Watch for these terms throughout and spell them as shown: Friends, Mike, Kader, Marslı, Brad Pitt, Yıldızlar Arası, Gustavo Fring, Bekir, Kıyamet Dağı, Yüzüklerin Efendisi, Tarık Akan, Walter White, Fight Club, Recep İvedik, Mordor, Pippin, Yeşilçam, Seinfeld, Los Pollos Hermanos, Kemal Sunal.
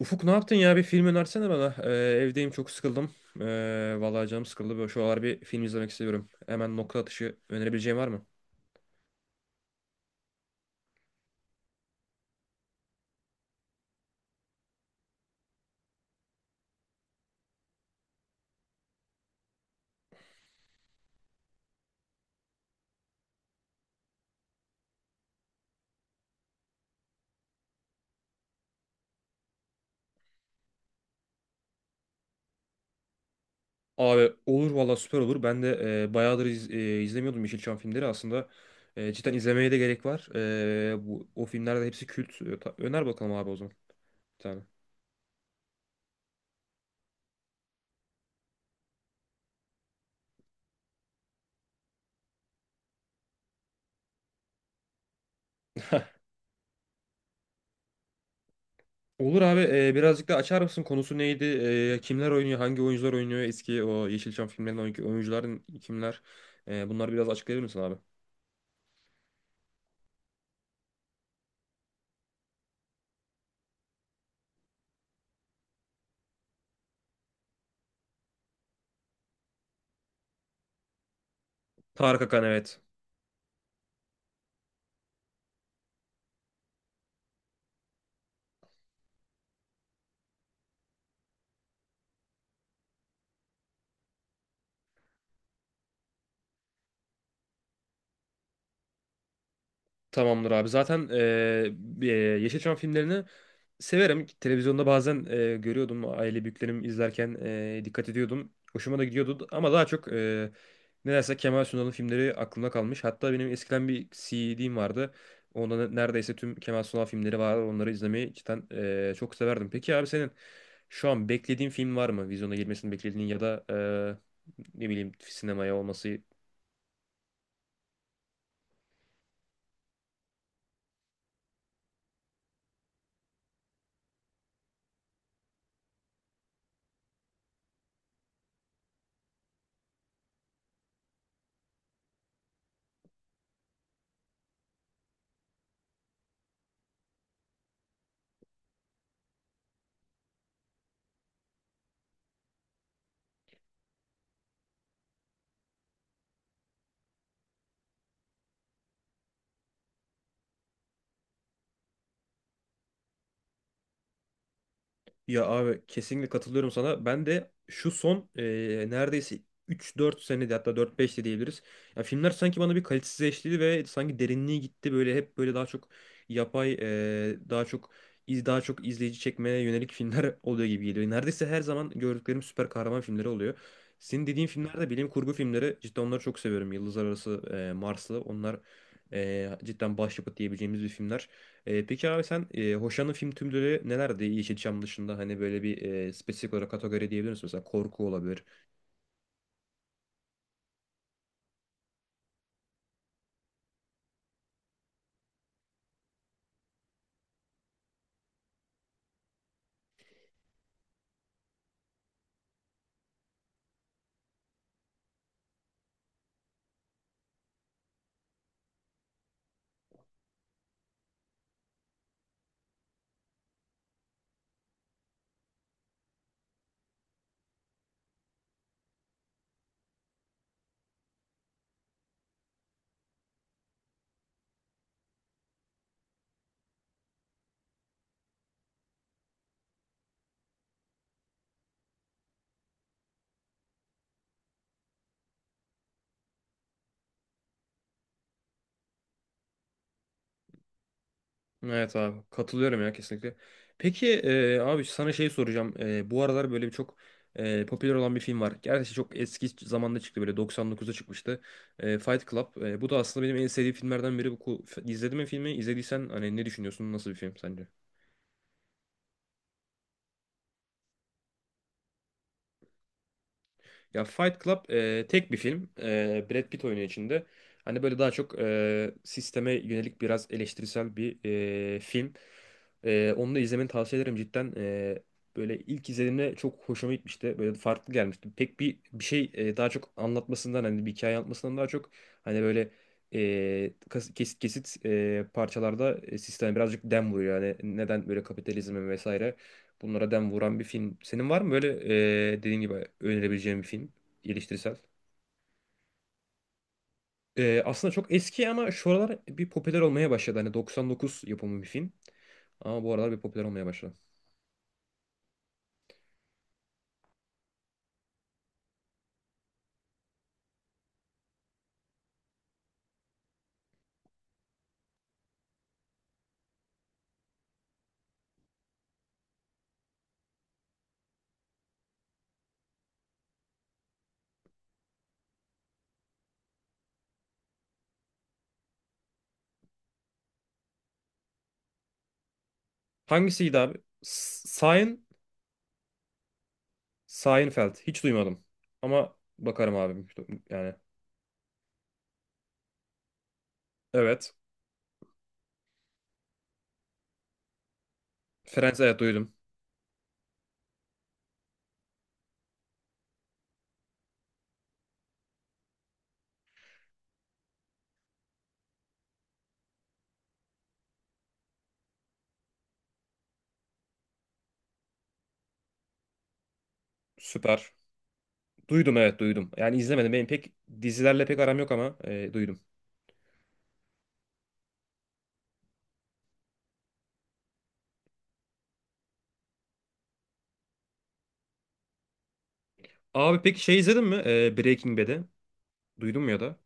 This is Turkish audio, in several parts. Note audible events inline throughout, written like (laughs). Ufuk, ne yaptın ya? Bir film önersene bana. Evdeyim, çok sıkıldım. Vallahi canım sıkıldı. Böyle şu aralar bir film izlemek istiyorum. Hemen nokta atışı önerebileceğin var mı? Abi olur valla, süper olur. Ben de bayağıdır izlemiyordum Yeşilçam filmleri. Aslında cidden izlemeye de gerek var. Bu, o filmlerde hepsi kült. Öner bakalım abi o zaman. Bir tane. Olur abi, birazcık da açar mısın? Konusu neydi? Kimler oynuyor? Hangi oyuncular oynuyor? Eski o Yeşilçam filmlerinin oyuncuların kimler? Bunları biraz açıklayabilir misin abi? Tarık Akan, evet. Tamamdır abi. Zaten Yeşilçam filmlerini severim. Televizyonda bazen görüyordum. Aile büyüklerim izlerken dikkat ediyordum. Hoşuma da gidiyordu. Ama daha çok nedense Kemal Sunal'ın filmleri aklımda kalmış. Hatta benim eskiden bir CD'm vardı. Onda neredeyse tüm Kemal Sunal filmleri var. Onları izlemeyi cidden çok severdim. Peki abi, senin şu an beklediğin film var mı? Vizyona girmesini beklediğin, ya da ne bileyim sinemaya olması. Ya abi, kesinlikle katılıyorum sana. Ben de şu son neredeyse 3-4 senede, hatta 4-5 de diyebiliriz. Ya filmler sanki bana bir kalitesizleşti ve sanki derinliği gitti. Böyle hep böyle daha çok yapay, daha çok daha çok izleyici çekmeye yönelik filmler (laughs) oluyor gibi geliyor. Neredeyse her zaman gördüklerim süper kahraman filmleri oluyor. Senin dediğin filmler de bilim kurgu filmleri. Cidden onları çok seviyorum. Yıldızlar Arası, Marslı. Onlar cidden başyapıt diyebileceğimiz bir filmler. Peki abi, sen hoşlandığın film türleri nelerdi Yeşilçam dışında? Hani böyle bir spesifik olarak kategori diyebilir misin? Mesela korku olabilir. Evet abi, katılıyorum ya, kesinlikle. Peki abi, sana şey soracağım. Bu aralar böyle bir çok popüler olan bir film var. Gerçi çok eski zamanda çıktı, böyle 99'da çıkmıştı. Fight Club. Bu da aslında benim en sevdiğim filmlerden biri. İzledin mi filmi? İzlediysen hani ne düşünüyorsun? Nasıl bir film sence? Ya Fight Club tek bir film. Brad Pitt oynuyor içinde. Hani böyle daha çok sisteme yönelik biraz eleştirisel bir film. Onu da izlemeni tavsiye ederim cidden. Böyle ilk izlediğimde çok hoşuma gitmişti. Böyle farklı gelmişti. Pek bir şey, daha çok anlatmasından, hani bir hikaye anlatmasından daha çok, hani böyle kesit kesit parçalarda sisteme birazcık dem vuruyor. Yani neden böyle kapitalizme vesaire. Bunlara dem vuran bir film. Senin var mı böyle dediğin gibi önerebileceğin bir film? Eleştirisel. Aslında çok eski ama şu aralar bir popüler olmaya başladı. Hani 99 yapımı bir film. Ama bu aralar bir popüler olmaya başladı. Hangisiydi abi? Sein, Seinfeld. Hiç duymadım. Ama bakarım abi. Yani evet. Friends, evet, duydum. Süper. Duydum, evet, duydum. Yani izlemedim. Benim pek dizilerle pek aram yok ama duydum. Abi, peki şey izledin mi? Breaking Bad'i. Duydun mu ya da?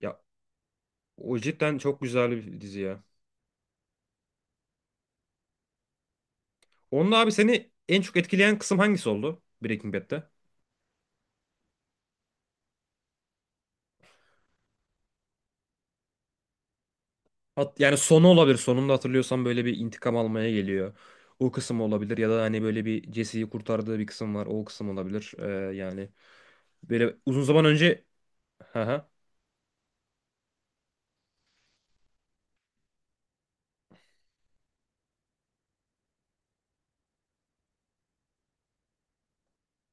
Ya o cidden çok güzel bir dizi ya. Onunla abi, seni en çok etkileyen kısım hangisi oldu Breaking Bad'de? Yani sonu olabilir. Sonunda hatırlıyorsan böyle bir intikam almaya geliyor. O kısım olabilir, ya da hani böyle bir Jesse'yi kurtardığı bir kısım var. O kısım olabilir. Yani böyle uzun zaman önce... Hı hı.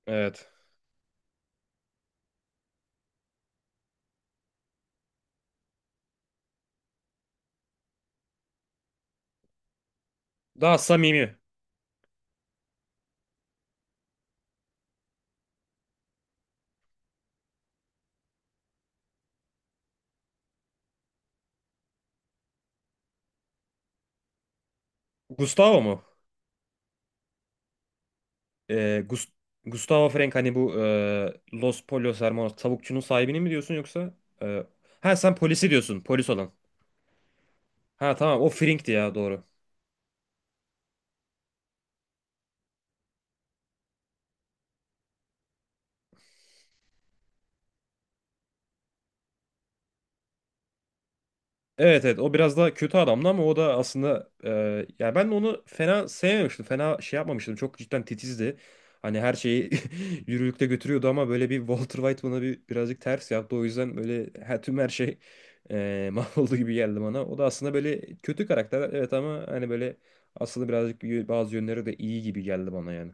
Evet. Daha samimi. Gustavo mu? Ee, Gus- Gustavo Fring, hani bu Los Pollos Hermanos tavukçunun sahibini mi diyorsun yoksa? e, ha, sen polisi diyorsun, polis olan. Ha tamam, o Fring'ti ya, doğru. Evet evet, o biraz daha kötü adamdı ama o da aslında yani ben de onu fena sevmemiştim. Fena şey yapmamıştım. Çok cidden titizdi. Hani her şeyi (laughs) yürürlükte götürüyordu ama böyle bir Walter White bana bir birazcık ters yaptı. O yüzden böyle her, tüm her şey (laughs) mahvoldu gibi geldi bana. O da aslında böyle kötü karakter, evet, ama hani böyle aslında birazcık bazı yönleri de iyi gibi geldi bana yani.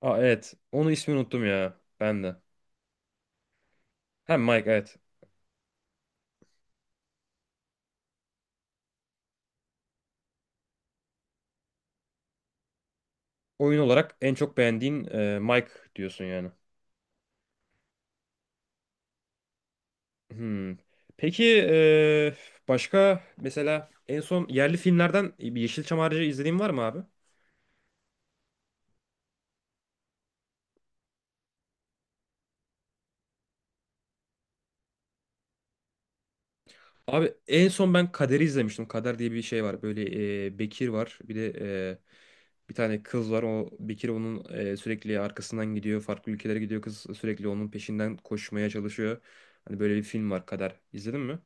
Aa evet, onun ismini unuttum ya ben de. Hem Mike, evet. Oyun olarak en çok beğendiğin Mike diyorsun yani. Hmm. Peki başka mesela en son yerli filmlerden bir Yeşilçam harici izlediğin var mı abi? Abi, en son ben Kader'i izlemiştim. Kader diye bir şey var. Böyle Bekir var. Bir de bir tane kız var. O Bekir onun sürekli arkasından gidiyor. Farklı ülkelere gidiyor kız. Sürekli onun peşinden koşmaya çalışıyor. Hani böyle bir film var, Kader. İzledin mi?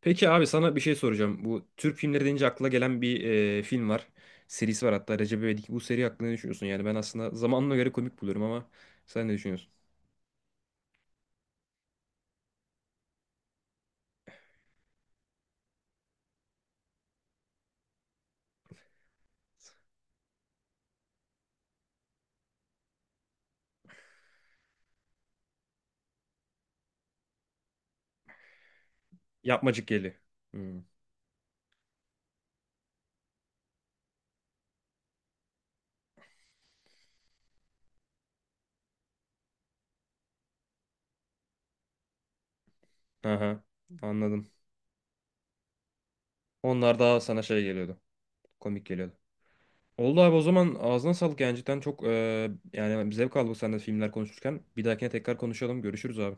Peki abi, sana bir şey soracağım. Bu Türk filmleri deyince akla gelen bir film var. Serisi var hatta, Recep İvedik. Bu seri hakkında ne düşünüyorsun? Yani ben aslında zamanına göre komik buluyorum, ama sen ne düşünüyorsun? Yapmacık Geli. Hmm. Aha, anladım. Onlar daha sana şey geliyordu. Komik geliyordu. Oldu abi, o zaman ağzına sağlık, yani cidden çok, yani zevk aldık seninle filmler konuşurken. Bir dahakine tekrar konuşalım. Görüşürüz abi.